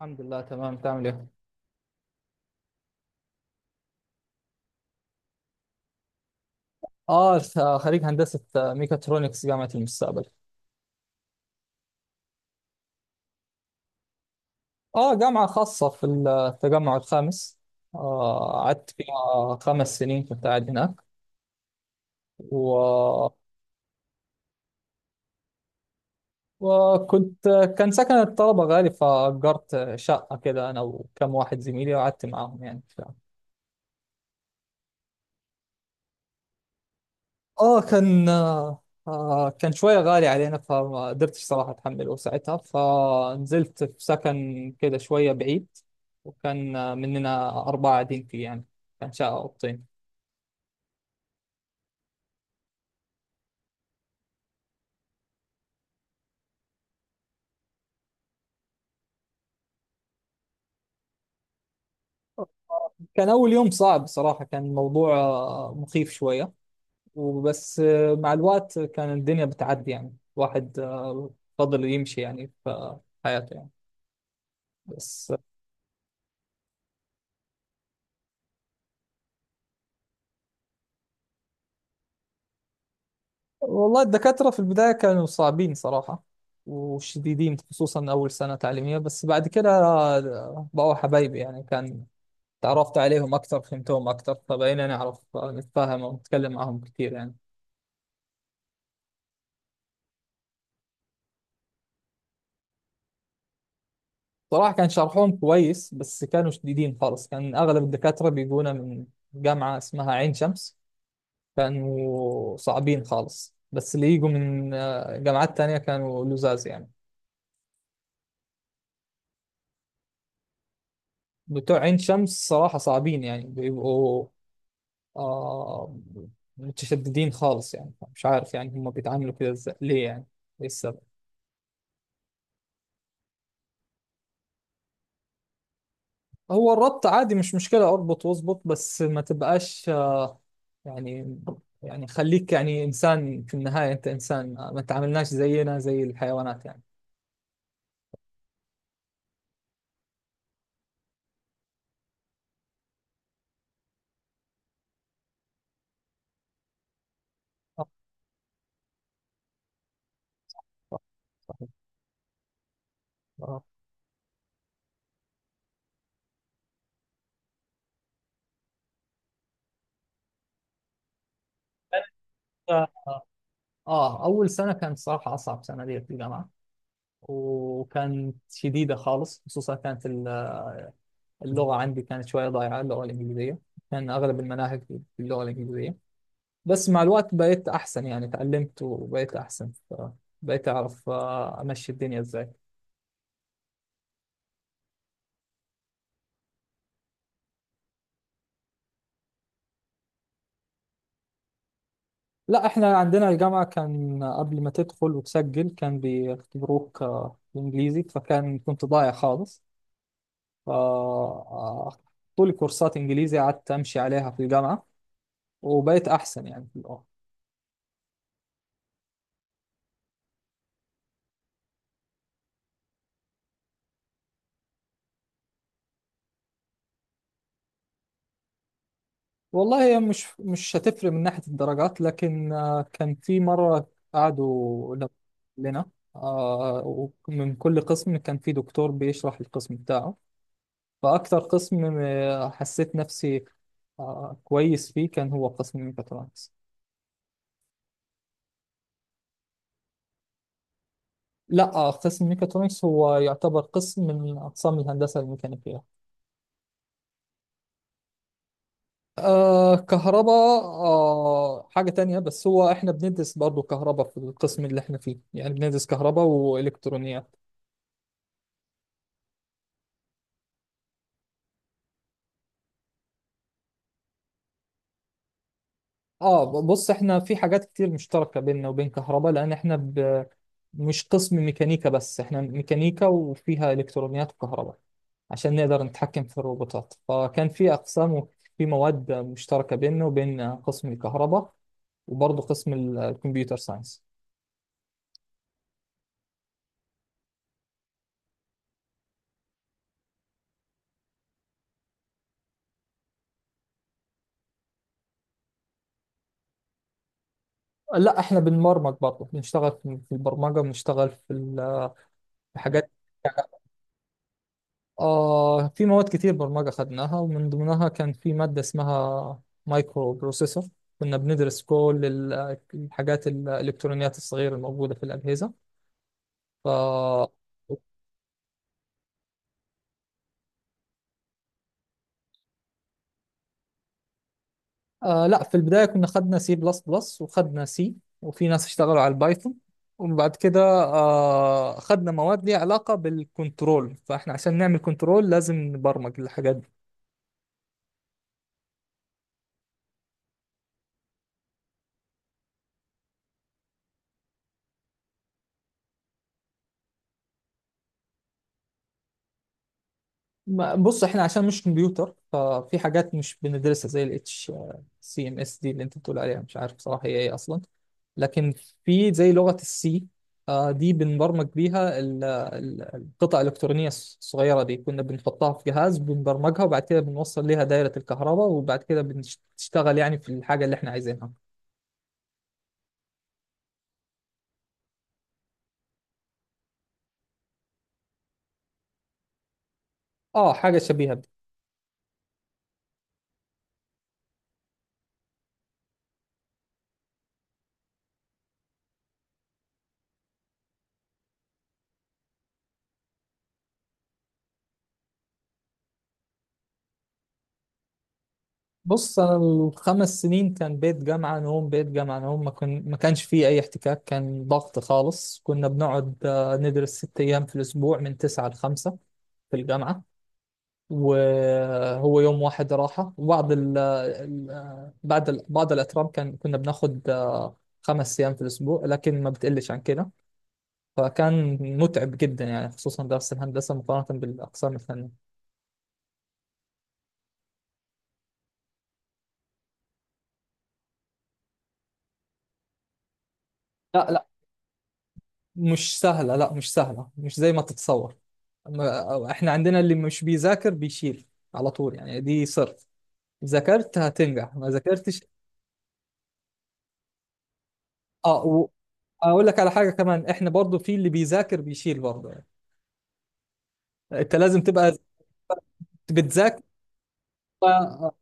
الحمد لله، تمام. تعمل ايه؟ اه خريج هندسة، ميكاترونكس جامعة المستقبل. اه، جامعة خاصة في التجمع الخامس. قعدت فيها 5 سنين، كنت قاعد هناك. و... وكنت كان سكن الطلبة غالي، فأجرت شقة كده أنا وكم واحد زميلي وقعدت معاهم يعني. اه كان. كان شوية غالي علينا فما قدرتش صراحة أتحمله ساعتها، فنزلت في سكن كده شوية بعيد، وكان مننا 4 قاعدين فيه يعني، كان شقة أوضتين. كان أول يوم صعب صراحة، كان الموضوع مخيف شوية. وبس مع الوقت كان الدنيا بتعدي، يعني الواحد فضل يمشي يعني في حياته يعني، بس. والله الدكاترة في البداية كانوا صعبين صراحة وشديدين، خصوصا أول سنة تعليمية، بس بعد كده بقوا حبايبي يعني، كان تعرفت عليهم أكتر، فهمتهم أكتر، فبقينا نعرف نتفاهم ونتكلم معهم كتير يعني. صراحة كان شرحهم كويس، بس كانوا شديدين خالص، كان أغلب الدكاترة بيجونا من جامعة اسمها عين شمس، كانوا صعبين خالص، بس اللي يجوا من جامعات تانية كانوا لزاز يعني. بتوع عين شمس صراحة صعبين، يعني بيبقوا آه متشددين خالص، يعني مش عارف يعني هم بيتعاملوا كده ازاي، ليه يعني؟ ايه السبب؟ هو الربط عادي مش مشكلة، اربط واظبط، بس ما تبقاش يعني، يعني خليك يعني انسان، في النهاية انت انسان، ما تعاملناش زينا زي الحيوانات يعني. آه آه، آه. أول سنة كانت صراحة أصعب سنة لي في الجامعة، وكانت شديدة خالص، خصوصا كانت اللغة عندي كانت شوية ضايعة، اللغة الإنجليزية، كان أغلب المناهج باللغة الإنجليزية. بس مع الوقت بقيت أحسن، يعني تعلمت وبقيت أحسن، بقيت أعرف أمشي الدنيا إزاي. لا إحنا عندنا الجامعة كان قبل ما تدخل وتسجل كان بيختبروك إنجليزي، فكان كنت ضايع خالص. ف- آه، طول كورسات إنجليزي قعدت أمشي عليها في الجامعة وبقيت أحسن يعني في اللغة. والله هي مش هتفرق من ناحية الدرجات، لكن كان في مرة قعدوا لنا آه، ومن كل قسم كان في دكتور بيشرح القسم بتاعه، فأكتر قسم حسيت نفسي كويس فيه كان هو قسم ميكاترونكس. لا قسم ميكاترونكس هو يعتبر قسم من أقسام الهندسة الميكانيكية. آه كهرباء، حاجة تانية، بس هو احنا بندرس برضو كهرباء في القسم اللي احنا فيه، يعني بندرس كهرباء وإلكترونيات. اه بص، احنا في حاجات كتير مشتركة بيننا وبين كهرباء، لان احنا مش قسم ميكانيكا بس، احنا ميكانيكا وفيها الكترونيات وكهرباء عشان نقدر نتحكم في الروبوتات، فكان في اقسام وفي مواد مشتركة بيننا وبين قسم الكهرباء، وبرضه قسم الكمبيوتر ساينس. لا احنا بنبرمج برضه، بنشتغل في البرمجة، بنشتغل في حاجات. في مواد كتير برمجة خدناها، ومن ضمنها كان في مادة اسمها مايكرو بروسيسور، كنا بندرس كل الحاجات الإلكترونيات الصغيرة الموجودة في الأجهزة. ف آه لا في البداية كنا خدنا سي بلس بلس وخدنا سي، وفي ناس اشتغلوا على البايثون، وبعد كده خدنا مواد ليها علاقة بالكنترول، فاحنا عشان نعمل كنترول لازم نبرمج الحاجات. بص، احنا عشان مش كمبيوتر، ففي حاجات مش بندرسها زي ال اتش سي ام اس دي اللي انت بتقول عليها، مش عارف بصراحة هي ايه اصلا. لكن في زي لغة السي دي بنبرمج بيها القطع الإلكترونية الصغيرة دي، كنا بنحطها في جهاز، بنبرمجها، وبعد كده بنوصل ليها دايرة الكهرباء، وبعد كده بتشتغل يعني في الحاجة اللي احنا عايزينها. اه حاجة شبيهة. بص انا، الـ 5 سنين كان بيت جامعه نوم، بيت جامعه نوم، ما كانش فيه اي احتكاك، كان ضغط خالص، كنا بنقعد ندرس 6 ايام في الاسبوع من 9 لـ 5 في الجامعه، وهو يوم واحد راحه، وبعض بعد بعض الاترام كان كنا بناخد 5 ايام في الاسبوع، لكن ما بتقلش عن كده، فكان متعب جدا يعني، خصوصا درس الهندسه مقارنه بالاقسام الثانيه. لا لا، مش سهلة، لا مش سهلة، مش زي ما تتصور. احنا عندنا اللي مش بيذاكر بيشيل على طول، يعني دي سر. ذاكرت هتنجح، ما ذاكرتش. اه، واقول لك على حاجة كمان، احنا برضو في اللي بيذاكر بيشيل برضو يعني. انت لازم تبقى بتذاكر. آه. آه.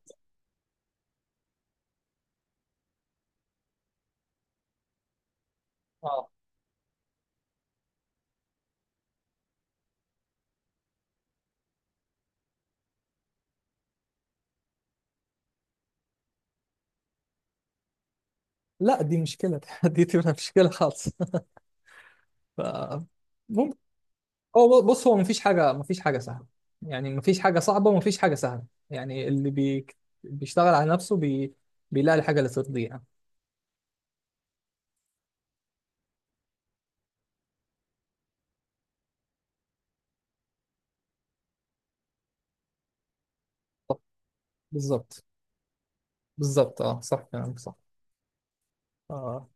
آه. لا دي مشكلة دي تبقى مشكلة خالص ف... ممكن. هو بص، هو مفيش حاجة سهلة، يعني مفيش حاجة صعبة ومفيش حاجة سهلة، يعني بيشتغل على نفسه، بيلاقي الحاجة اللي ترضيه. بالظبط، بالظبط، اه صح، كلامك صح. اه.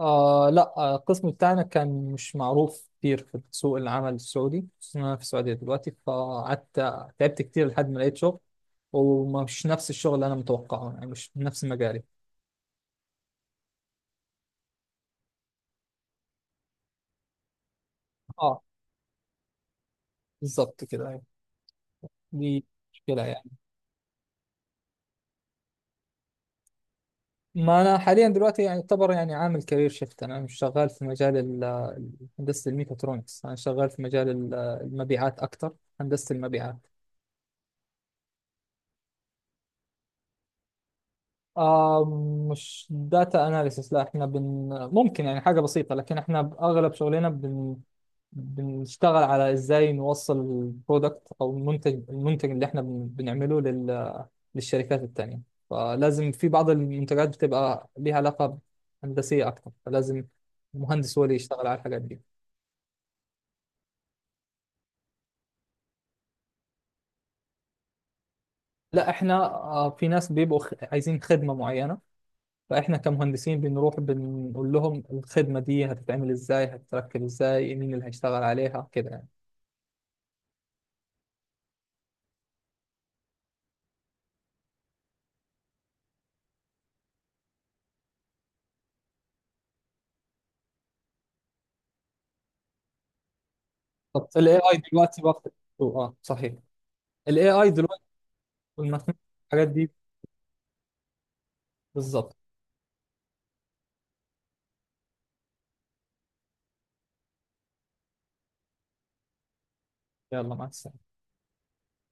لا القسم بتاعنا كان مش معروف كتير في سوق العمل السعودي، خصوصاً أنا في السعودية دلوقتي، فقعدت تعبت كتير لحد ما لقيت شغل، ومش نفس الشغل اللي أنا متوقعه يعني، مش نفس مجالي. اه، بالظبط كده، أيوة. دي مشكلة يعني. ما أنا حاليا دلوقتي يعني يعتبر يعني عامل كارير شيفت، أنا مش شغال في مجال ال- هندسة الميكاترونكس، أنا شغال في مجال المبيعات أكتر، هندسة المبيعات. آه مش داتا اناليسيس، لا احنا ممكن يعني حاجة بسيطة، لكن احنا اغلب شغلنا بنشتغل على ازاي نوصل البرودكت او المنتج اللي احنا بنعمله للشركات التانية، فلازم في بعض المنتجات بتبقى ليها علاقة هندسية اكتر، فلازم المهندس هو اللي يشتغل على الحاجات دي. لا احنا في ناس بيبقوا عايزين خدمة معينة، فاحنا كمهندسين بنروح بنقول لهم الخدمه دي هتتعمل ازاي، هتتركب ازاي، مين اللي هيشتغل عليها، كده يعني. طب الـ AI دلوقتي بقى. اه صحيح، الـ AI دلوقتي، والمخ- الحاجات دي. بالظبط. يلا، مع السلامه.